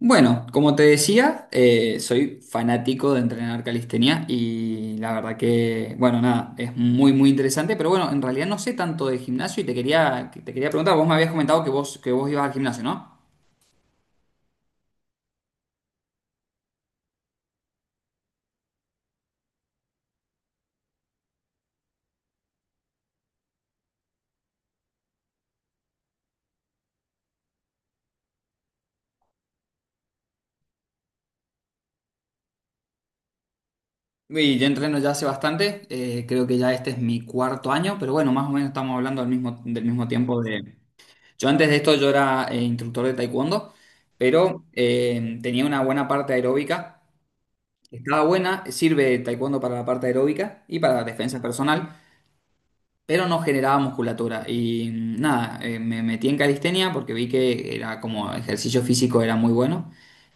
Bueno, como te decía, soy fanático de entrenar calistenia y la verdad que, bueno, nada, es muy, muy interesante, pero bueno, en realidad no sé tanto de gimnasio y te quería preguntar, vos me habías comentado que que vos ibas al gimnasio, ¿no? Y yo entreno ya hace bastante, creo que ya este es mi cuarto año, pero bueno, más o menos estamos hablando del mismo tiempo de... Yo antes de esto yo era instructor de taekwondo, pero tenía una buena parte aeróbica. Estaba buena, sirve taekwondo para la parte aeróbica y para la defensa personal, pero no generaba musculatura. Y nada, me metí en calistenia porque vi que era como ejercicio físico era muy bueno.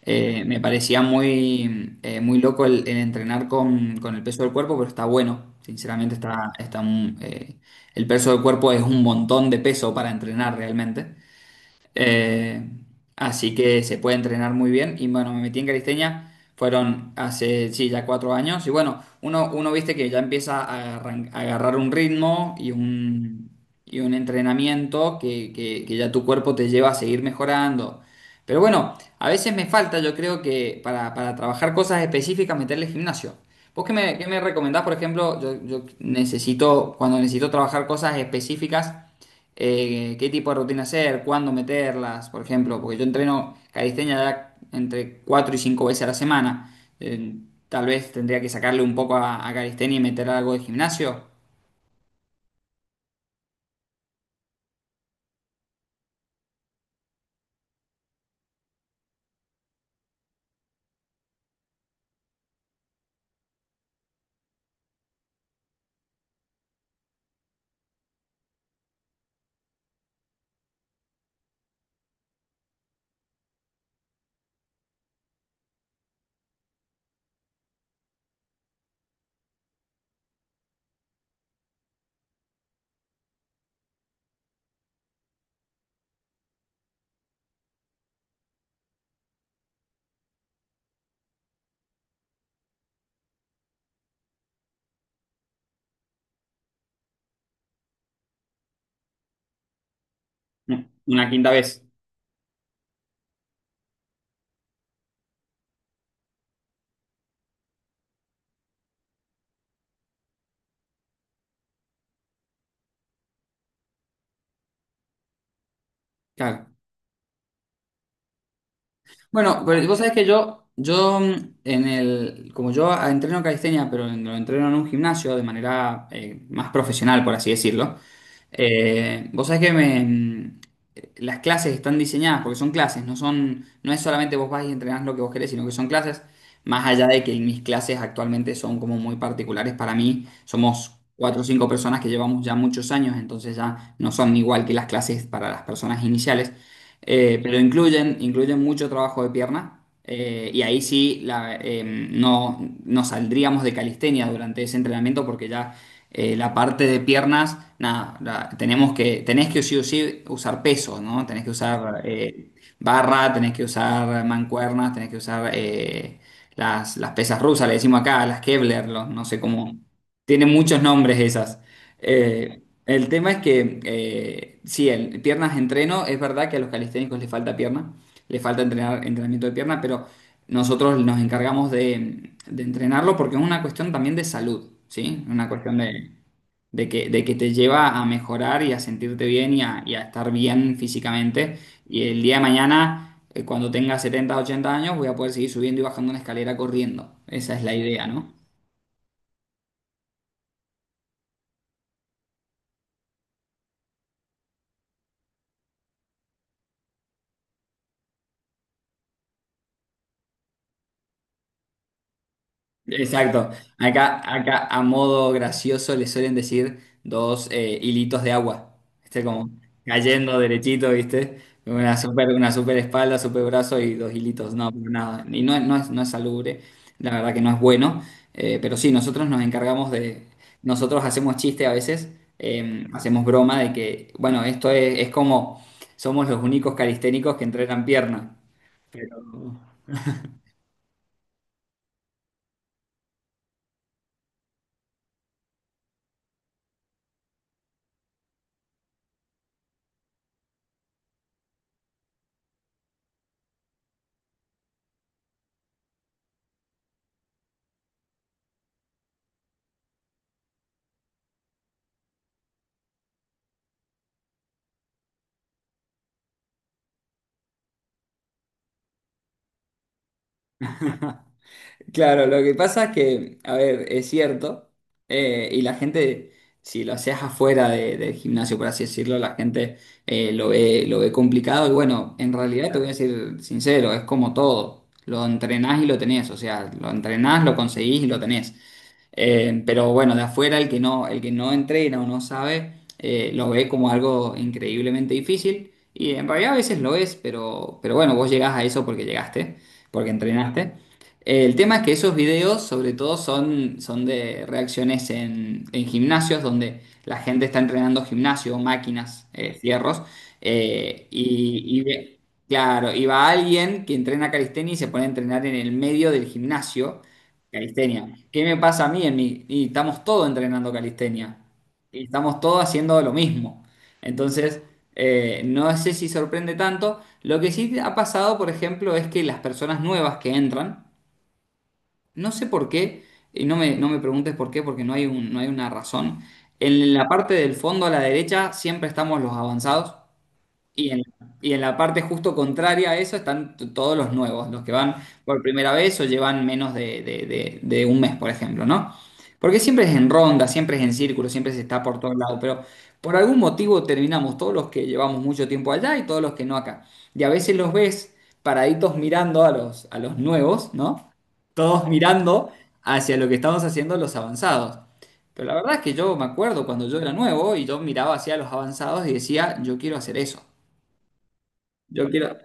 Me parecía muy, muy loco el entrenar con el peso del cuerpo, pero está bueno. Sinceramente está, el peso del cuerpo es un montón de peso para entrenar realmente. Eh, así que se puede entrenar muy bien. Y bueno, me metí en calistenia. Fueron hace, sí, ya 4 años. Y bueno, uno, viste que ya empieza a, a agarrar un ritmo y un entrenamiento que ya tu cuerpo te lleva a seguir mejorando. Pero bueno, a veces me falta, yo creo que para trabajar cosas específicas, meterle gimnasio. ¿Vos qué me recomendás, por ejemplo? Yo necesito, cuando necesito trabajar cosas específicas qué tipo de rutina hacer, cuándo meterlas, por ejemplo, porque yo entreno calistenia ya entre 4 y 5 veces a la semana. Eh, tal vez tendría que sacarle un poco a calistenia y meter algo de gimnasio. Una quinta vez. Claro. Bueno, pero vos sabés que en el, como yo entreno calistenia, pero lo entreno en un gimnasio de manera más profesional, por así decirlo. Eh, vos sabés que las clases están diseñadas porque son clases, no son, no es solamente vos vas y entrenás lo que vos querés, sino que son clases, más allá de que mis clases actualmente son como muy particulares para mí, somos cuatro o cinco personas que llevamos ya muchos años, entonces ya no son igual que las clases para las personas iniciales. Pero incluyen mucho trabajo de pierna. Y ahí sí la, no, no saldríamos de calistenia durante ese entrenamiento porque ya la parte de piernas, nada, tenemos que, tenés que sí o sí usar peso, ¿no? Tenés que usar barra, tenés que usar mancuernas, tenés que usar las pesas rusas, le decimos acá, las Kevlar, no sé cómo. Tienen muchos nombres esas. El tema es que, sí, el, piernas entreno, es verdad que a los calisténicos les falta pierna, les falta entrenar, entrenamiento de pierna, pero nosotros nos encargamos de entrenarlo porque es una cuestión también de salud, ¿sí? Una cuestión de que te lleva a mejorar y a sentirte bien y a estar bien físicamente. Y el día de mañana, cuando tenga 70 80 años, voy a poder seguir subiendo y bajando una escalera corriendo. Esa es la idea, ¿no? Exacto. Acá, acá a modo gracioso le suelen decir dos hilitos de agua. Este como cayendo derechito, ¿viste? Una super espalda, super brazo y dos hilitos. No, pero nada. Y no, no es, no es salubre, la verdad que no es bueno. Pero sí, nosotros nos encargamos de. Nosotros hacemos chiste a veces, hacemos broma de que, bueno, esto es como somos los únicos calisténicos que entrenan pierna. Pero claro, lo que pasa es que, a ver, es cierto, y la gente, si lo haces afuera del gimnasio, por así decirlo, la gente lo ve complicado, y bueno, en realidad te voy a decir sincero, es como todo, lo entrenás y lo tenés, o sea, lo entrenás, lo conseguís y lo tenés. Pero bueno, de afuera el que no entrena o no sabe, lo ve como algo increíblemente difícil. Y en realidad a veces lo es, pero bueno, vos llegás a eso porque llegaste, porque entrenaste. El tema es que esos videos sobre todo son, son de reacciones en gimnasios donde la gente está entrenando gimnasio, máquinas, fierros. eh, y, y ve- claro, y va alguien que entrena calistenia y se pone a entrenar en el medio del gimnasio. Calistenia. ¿Qué me pasa a mí en Y estamos todos entrenando calistenia. Y estamos todos haciendo lo mismo. Entonces, no sé si sorprende tanto. Lo que sí ha pasado, por ejemplo, es que las personas nuevas que entran, no sé por qué, y no me preguntes por qué, porque no hay una razón. En la parte del fondo a la derecha siempre estamos los avanzados. Y en, y en la parte justo contraria a eso están todos los nuevos, los que van por primera vez o llevan menos de, de un mes, por ejemplo, ¿no? Porque siempre es en ronda, siempre es en círculo, siempre se está por todos lados, pero por algún motivo terminamos todos los que llevamos mucho tiempo allá y todos los que no acá. Y a veces los ves paraditos mirando a los nuevos, ¿no? Todos mirando hacia lo que estamos haciendo los avanzados. Pero la verdad es que yo me acuerdo cuando yo era nuevo y yo miraba hacia los avanzados y decía, yo quiero hacer eso. Yo quiero.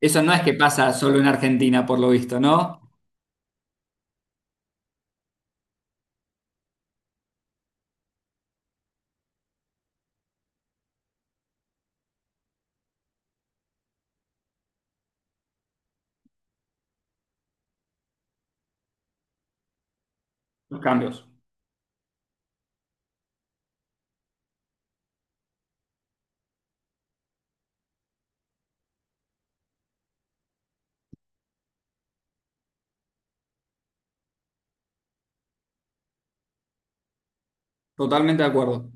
Eso no es que pasa solo en Argentina, por lo visto, ¿no? Los cambios. Totalmente de acuerdo.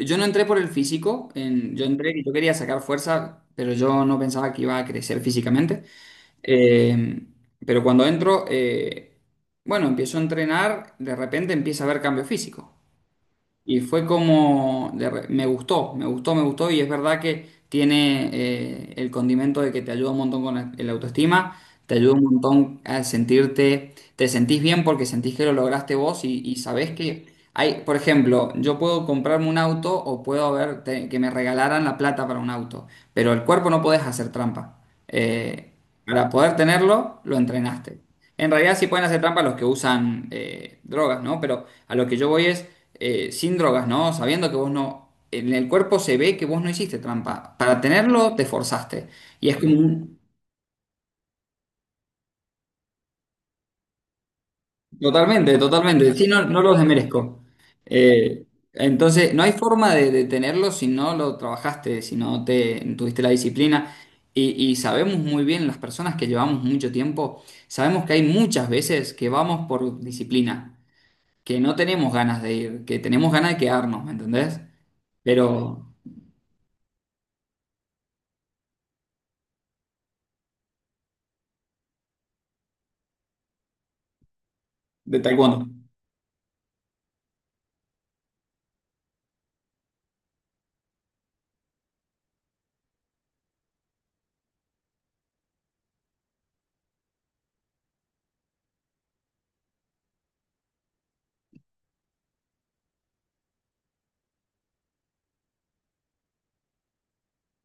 Yo no entré por el físico, yo entré y yo quería sacar fuerza, pero yo no pensaba que iba a crecer físicamente. Eh, pero cuando entro, bueno, empiezo a entrenar, de repente empieza a haber cambio físico. Y fue como, me gustó, me gustó, me gustó y es verdad que tiene el condimento de que te ayuda un montón con la, el autoestima, te ayuda un montón a sentirte, te sentís bien porque sentís que lo lograste vos y sabés que hay, por ejemplo, yo puedo comprarme un auto o puedo haber que me regalaran la plata para un auto, pero el cuerpo no podés hacer trampa. Eh, para poder tenerlo, lo entrenaste. En realidad sí pueden hacer trampa los que usan drogas, ¿no? Pero a lo que yo voy es sin drogas, ¿no? Sabiendo que vos no... En el cuerpo se ve que vos no hiciste trampa. Para tenerlo te forzaste. Y es como... Totalmente, totalmente. Sí, no, no los desmerezco. Eh, entonces, no hay forma de tenerlo si no lo trabajaste, si no te tuviste la disciplina. Y sabemos muy bien, las personas que llevamos mucho tiempo, sabemos que hay muchas veces que vamos por disciplina, que no tenemos ganas de ir, que tenemos ganas de quedarnos, ¿me entendés? Pero de taekwondo.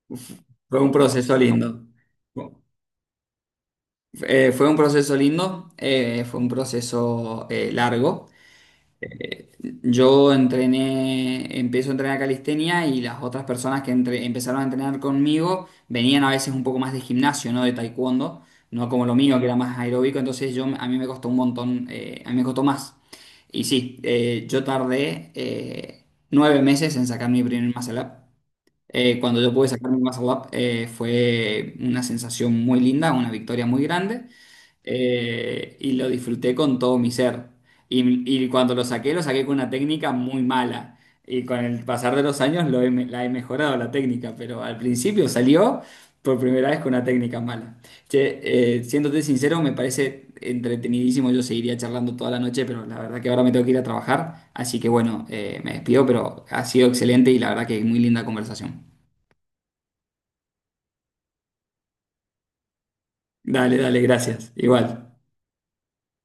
Uf, fue un proceso lindo. Fu- Fue un proceso lindo, fue un proceso largo. Eh, Yo entrené, empiezo a entrenar calistenia y las otras personas que empezaron a entrenar conmigo venían a veces un poco más de gimnasio, no de taekwondo, no como lo mío que era más aeróbico, entonces yo a mí me costó un montón, a mí me costó más. Y sí, yo tardé 9 meses en sacar mi primer muscle up. Cuando yo pude sacar mi WhatsApp fue una sensación muy linda, una victoria muy grande y lo disfruté con todo mi ser. Y cuando lo saqué con una técnica muy mala. Y con el pasar de los años lo he la he mejorado la técnica, pero al principio salió por primera vez con una técnica mala. Che, siéndote sincero, me parece entretenidísimo. Yo seguiría charlando toda la noche, pero la verdad que ahora me tengo que ir a trabajar. Así que bueno, me despido, pero ha sido excelente y la verdad que muy linda conversación. Dale, dale, gracias. Igual.